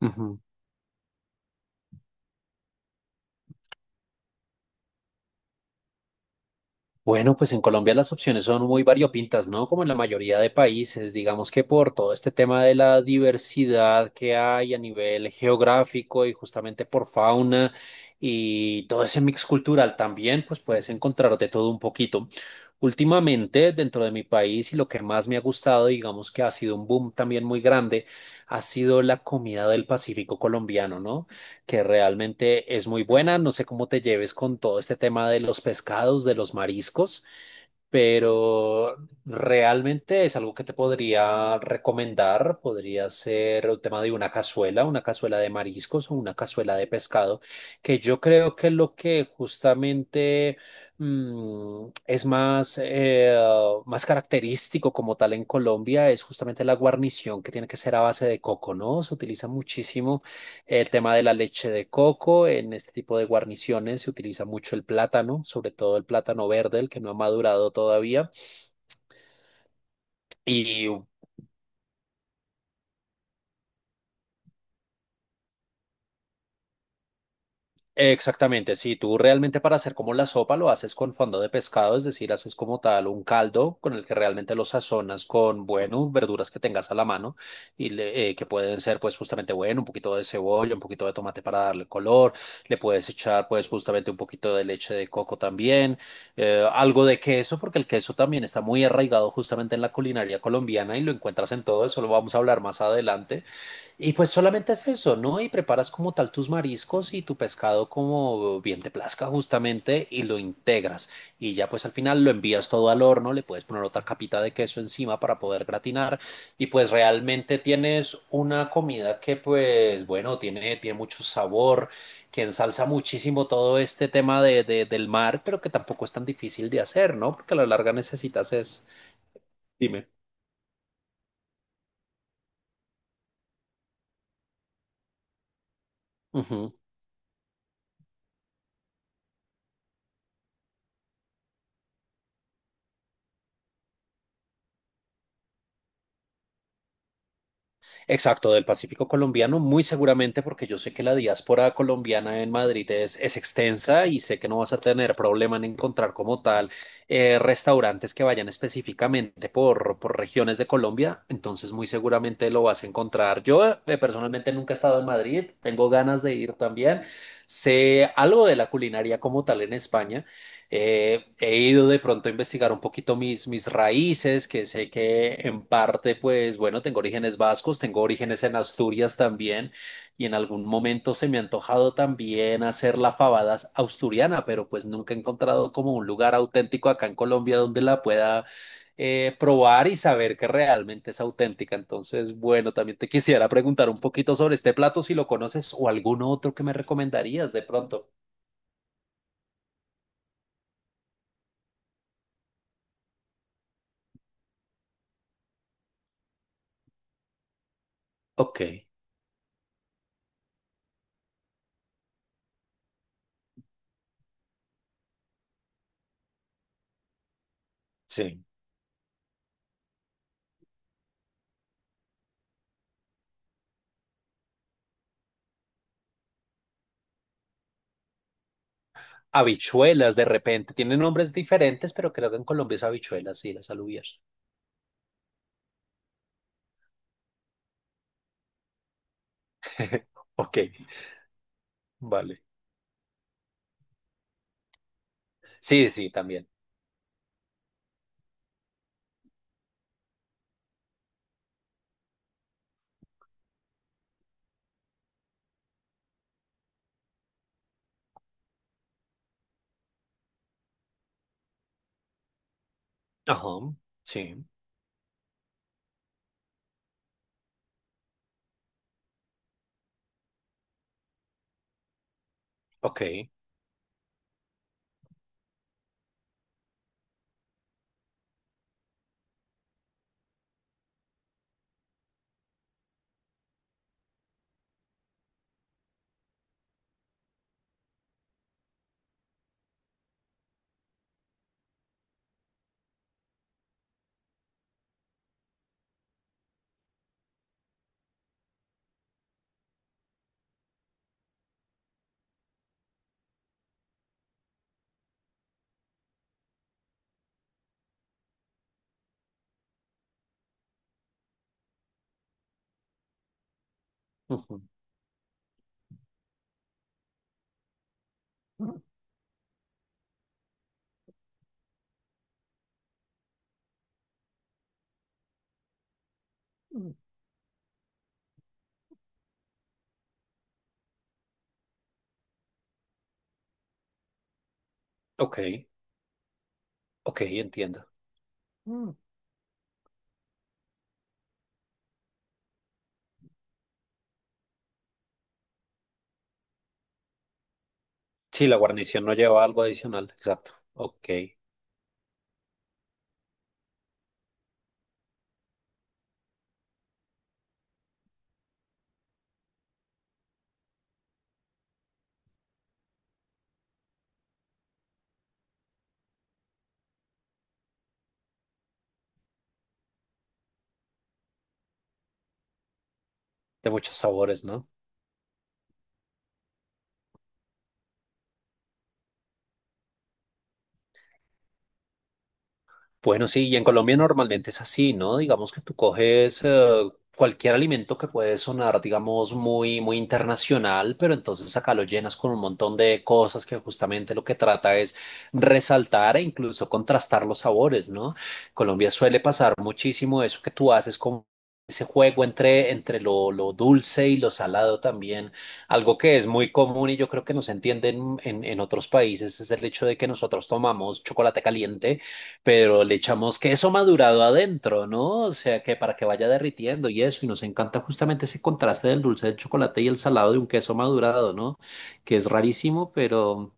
Ujú. Bueno, pues en Colombia las opciones son muy variopintas, ¿no? Como en la mayoría de países, digamos que por todo este tema de la diversidad que hay a nivel geográfico y justamente por fauna y todo ese mix cultural también, pues puedes encontrar de todo un poquito. Últimamente, dentro de mi país y lo que más me ha gustado, digamos que ha sido un boom también muy grande, ha sido la comida del Pacífico colombiano, ¿no? Que realmente es muy buena. No sé cómo te lleves con todo este tema de los pescados, de los mariscos, pero realmente es algo que te podría recomendar. Podría ser el tema de una cazuela de mariscos o una cazuela de pescado, que yo creo que es lo que justamente es más, más característico como tal en Colombia, es justamente la guarnición que tiene que ser a base de coco, ¿no? Se utiliza muchísimo el tema de la leche de coco, en este tipo de guarniciones se utiliza mucho el plátano, sobre todo el plátano verde, el que no ha madurado todavía. Y Exactamente, sí, tú realmente para hacer como la sopa lo haces con fondo de pescado, es decir, haces como tal un caldo con el que realmente lo sazonas con, bueno, verduras que tengas a la mano y que pueden ser pues justamente, bueno, un poquito de cebolla, un poquito de tomate para darle color, le puedes echar pues justamente un poquito de leche de coco también, algo de queso, porque el queso también está muy arraigado justamente en la culinaria colombiana y lo encuentras en todo, eso lo vamos a hablar más adelante. Y pues solamente es eso, ¿no? Y preparas como tal tus mariscos y tu pescado como bien te plazca justamente y lo integras. Y ya pues al final lo envías todo al horno, le puedes poner otra capita de queso encima para poder gratinar. Y pues realmente tienes una comida que pues bueno, tiene mucho sabor, que ensalza muchísimo todo este tema del mar, pero que tampoco es tan difícil de hacer, ¿no? Porque a la larga necesitas es... Dime. Exacto, del Pacífico colombiano, muy seguramente porque yo sé que la diáspora colombiana en Madrid es extensa y sé que no vas a tener problema en encontrar como tal restaurantes que vayan específicamente por regiones de Colombia, entonces muy seguramente lo vas a encontrar. Yo personalmente nunca he estado en Madrid, tengo ganas de ir también, sé algo de la culinaria como tal en España. He ido de pronto a investigar un poquito mis raíces, que sé que en parte, pues bueno, tengo orígenes vascos, tengo orígenes en Asturias también, y en algún momento se me ha antojado también hacer la fabada asturiana, pero pues nunca he encontrado como un lugar auténtico acá en Colombia donde la pueda probar y saber que realmente es auténtica. Entonces, bueno, también te quisiera preguntar un poquito sobre este plato, si lo conoces o alguno otro que me recomendarías de pronto. Ok, sí. Habichuelas de repente. Tienen nombres diferentes, pero creo que en Colombia es habichuelas, sí, las alubias. Ok, vale. Sí, sí, también. Ajá, sí. Ok. Ujú, ok, ok, entiendo. Mm. Sí, la guarnición no lleva algo adicional, exacto. Ok. De muchos sabores, ¿no? Bueno, sí, y en Colombia normalmente es así, ¿no? Digamos que tú coges cualquier alimento que puede sonar, digamos, muy internacional, pero entonces acá lo llenas con un montón de cosas que justamente lo que trata es resaltar e incluso contrastar los sabores, ¿no? Colombia suele pasar muchísimo eso que tú haces con ese juego entre lo dulce y lo salado también. Algo que es muy común y yo creo que no se entiende en otros países es el hecho de que nosotros tomamos chocolate caliente pero le echamos queso madurado adentro, ¿no? O sea, que para que vaya derritiendo y eso, y nos encanta justamente ese contraste del dulce del chocolate y el salado de un queso madurado, ¿no? Que es rarísimo, pero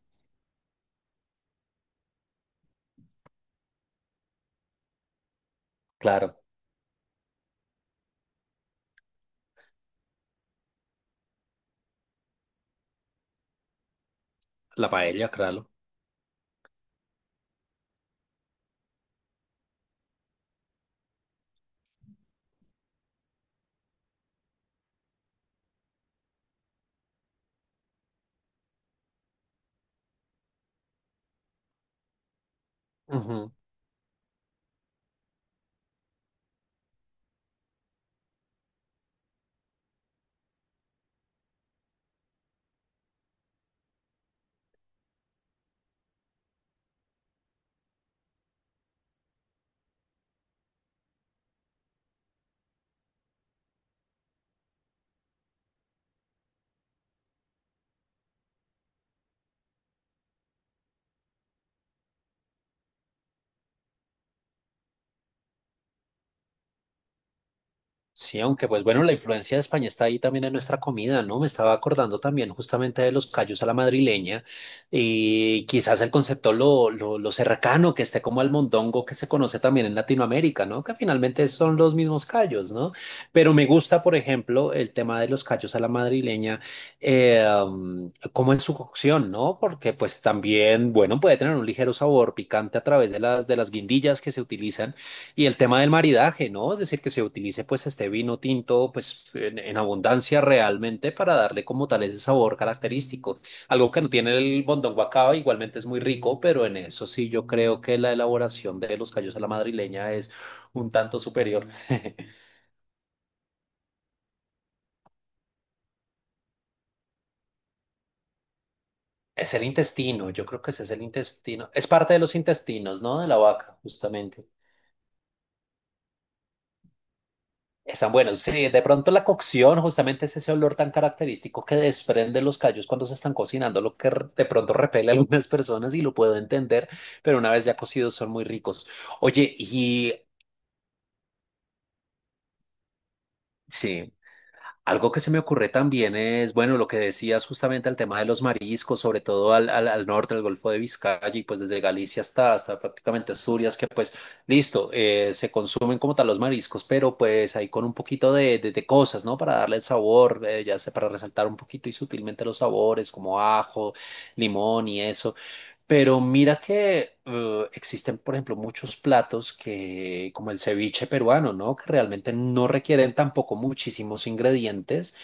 claro, la paella, claro. Ujú. Sí, aunque pues bueno, la influencia de España está ahí también en nuestra comida, ¿no? Me estaba acordando también justamente de los callos a la madrileña y quizás el concepto lo cercano que esté como al mondongo que se conoce también en Latinoamérica, ¿no? Que finalmente son los mismos callos, ¿no? Pero me gusta, por ejemplo, el tema de los callos a la madrileña, como en su cocción, ¿no? Porque pues también, bueno, puede tener un ligero sabor picante a través de de las guindillas que se utilizan y el tema del maridaje, ¿no? Es decir, que se utilice pues este vino tinto pues en abundancia realmente para darle como tal ese sabor característico. Algo que no tiene el bondón guacaba, igualmente es muy rico, pero en eso sí yo creo que la elaboración de los callos a la madrileña es un tanto superior. Es el intestino, yo creo que ese es el intestino. Es parte de los intestinos, ¿no? De la vaca, justamente. Están buenos. Sí, de pronto la cocción, justamente es ese olor tan característico que desprenden los callos cuando se están cocinando, lo que de pronto repele a algunas personas y lo puedo entender, pero una vez ya cocidos son muy ricos. Oye, y sí. Algo que se me ocurre también es, bueno, lo que decías justamente al tema de los mariscos, sobre todo al norte, al Golfo de Vizcaya y pues desde Galicia hasta, hasta prácticamente Asturias, que pues listo, se consumen como tal los mariscos, pero pues ahí con un poquito de cosas, ¿no? Para darle el sabor, ya sé, para resaltar un poquito y sutilmente los sabores, como ajo, limón y eso. Pero mira que existen, por ejemplo, muchos platos que, como el ceviche peruano, ¿no? Que realmente no requieren tampoco muchísimos ingredientes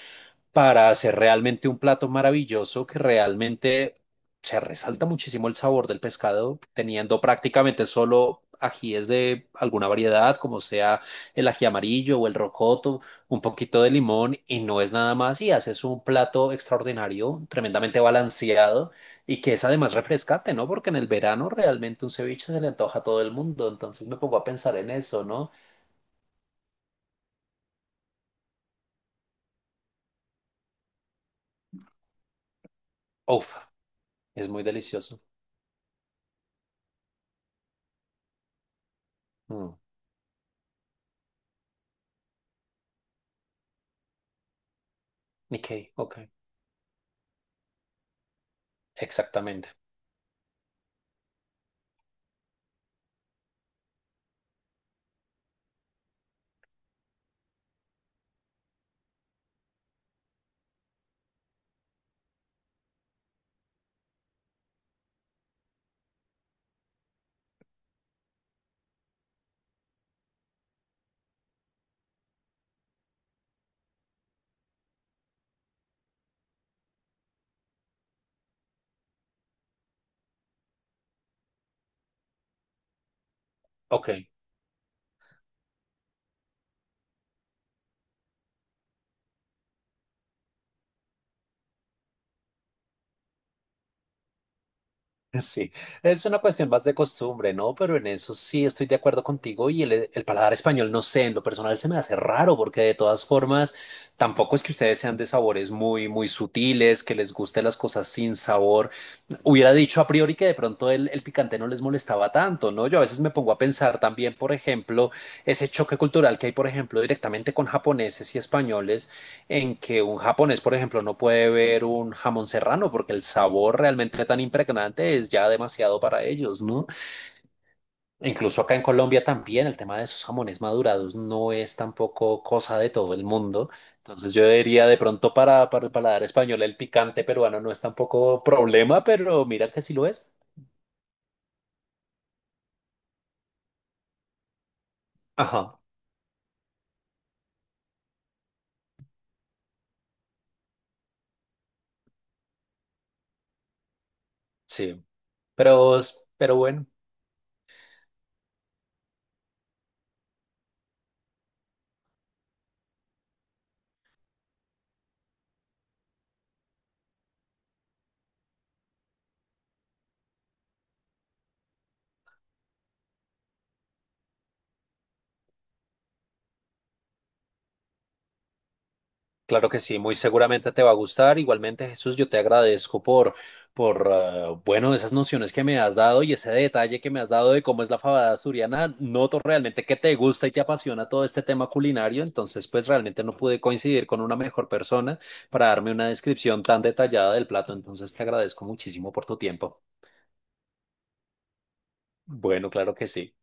para hacer realmente un plato maravilloso que realmente se resalta muchísimo el sabor del pescado, teniendo prácticamente solo ajíes de alguna variedad, como sea el ají amarillo o el rocoto, un poquito de limón y no es nada más y haces un plato extraordinario, tremendamente balanceado y que es además refrescante, ¿no? Porque en el verano realmente un ceviche se le antoja a todo el mundo, entonces me pongo a pensar en eso, ¿no? Uf, es muy delicioso. Mm, ok, ok, exactamente. Ok, sí, es una cuestión más de costumbre, ¿no? Pero en eso sí estoy de acuerdo contigo y el paladar español, no sé, en lo personal se me hace raro porque de todas formas tampoco es que ustedes sean de sabores muy sutiles, que les gusten las cosas sin sabor. Hubiera dicho a priori que de pronto picante no les molestaba tanto, ¿no? Yo a veces me pongo a pensar también, por ejemplo, ese choque cultural que hay, por ejemplo, directamente con japoneses y españoles, en que un japonés, por ejemplo, no puede ver un jamón serrano porque el sabor realmente tan impregnante es ya demasiado para ellos, ¿no? Incluso acá en Colombia también el tema de esos jamones madurados no es tampoco cosa de todo el mundo. Entonces yo diría de pronto para el paladar español el picante peruano no es tampoco problema, pero mira que sí lo es. Ajá, sí. Pero, pero bueno, claro que sí, muy seguramente te va a gustar. Igualmente, Jesús, yo te agradezco por ah, bueno, esas nociones que me has dado y ese detalle que me has dado de cómo es la fabada asturiana. Noto realmente que te gusta y te apasiona todo este tema culinario. Entonces, pues realmente no pude coincidir con una mejor persona para darme una descripción tan detallada del plato. Entonces, te agradezco muchísimo por tu tiempo. Bueno, claro que sí,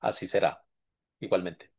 así será, igualmente.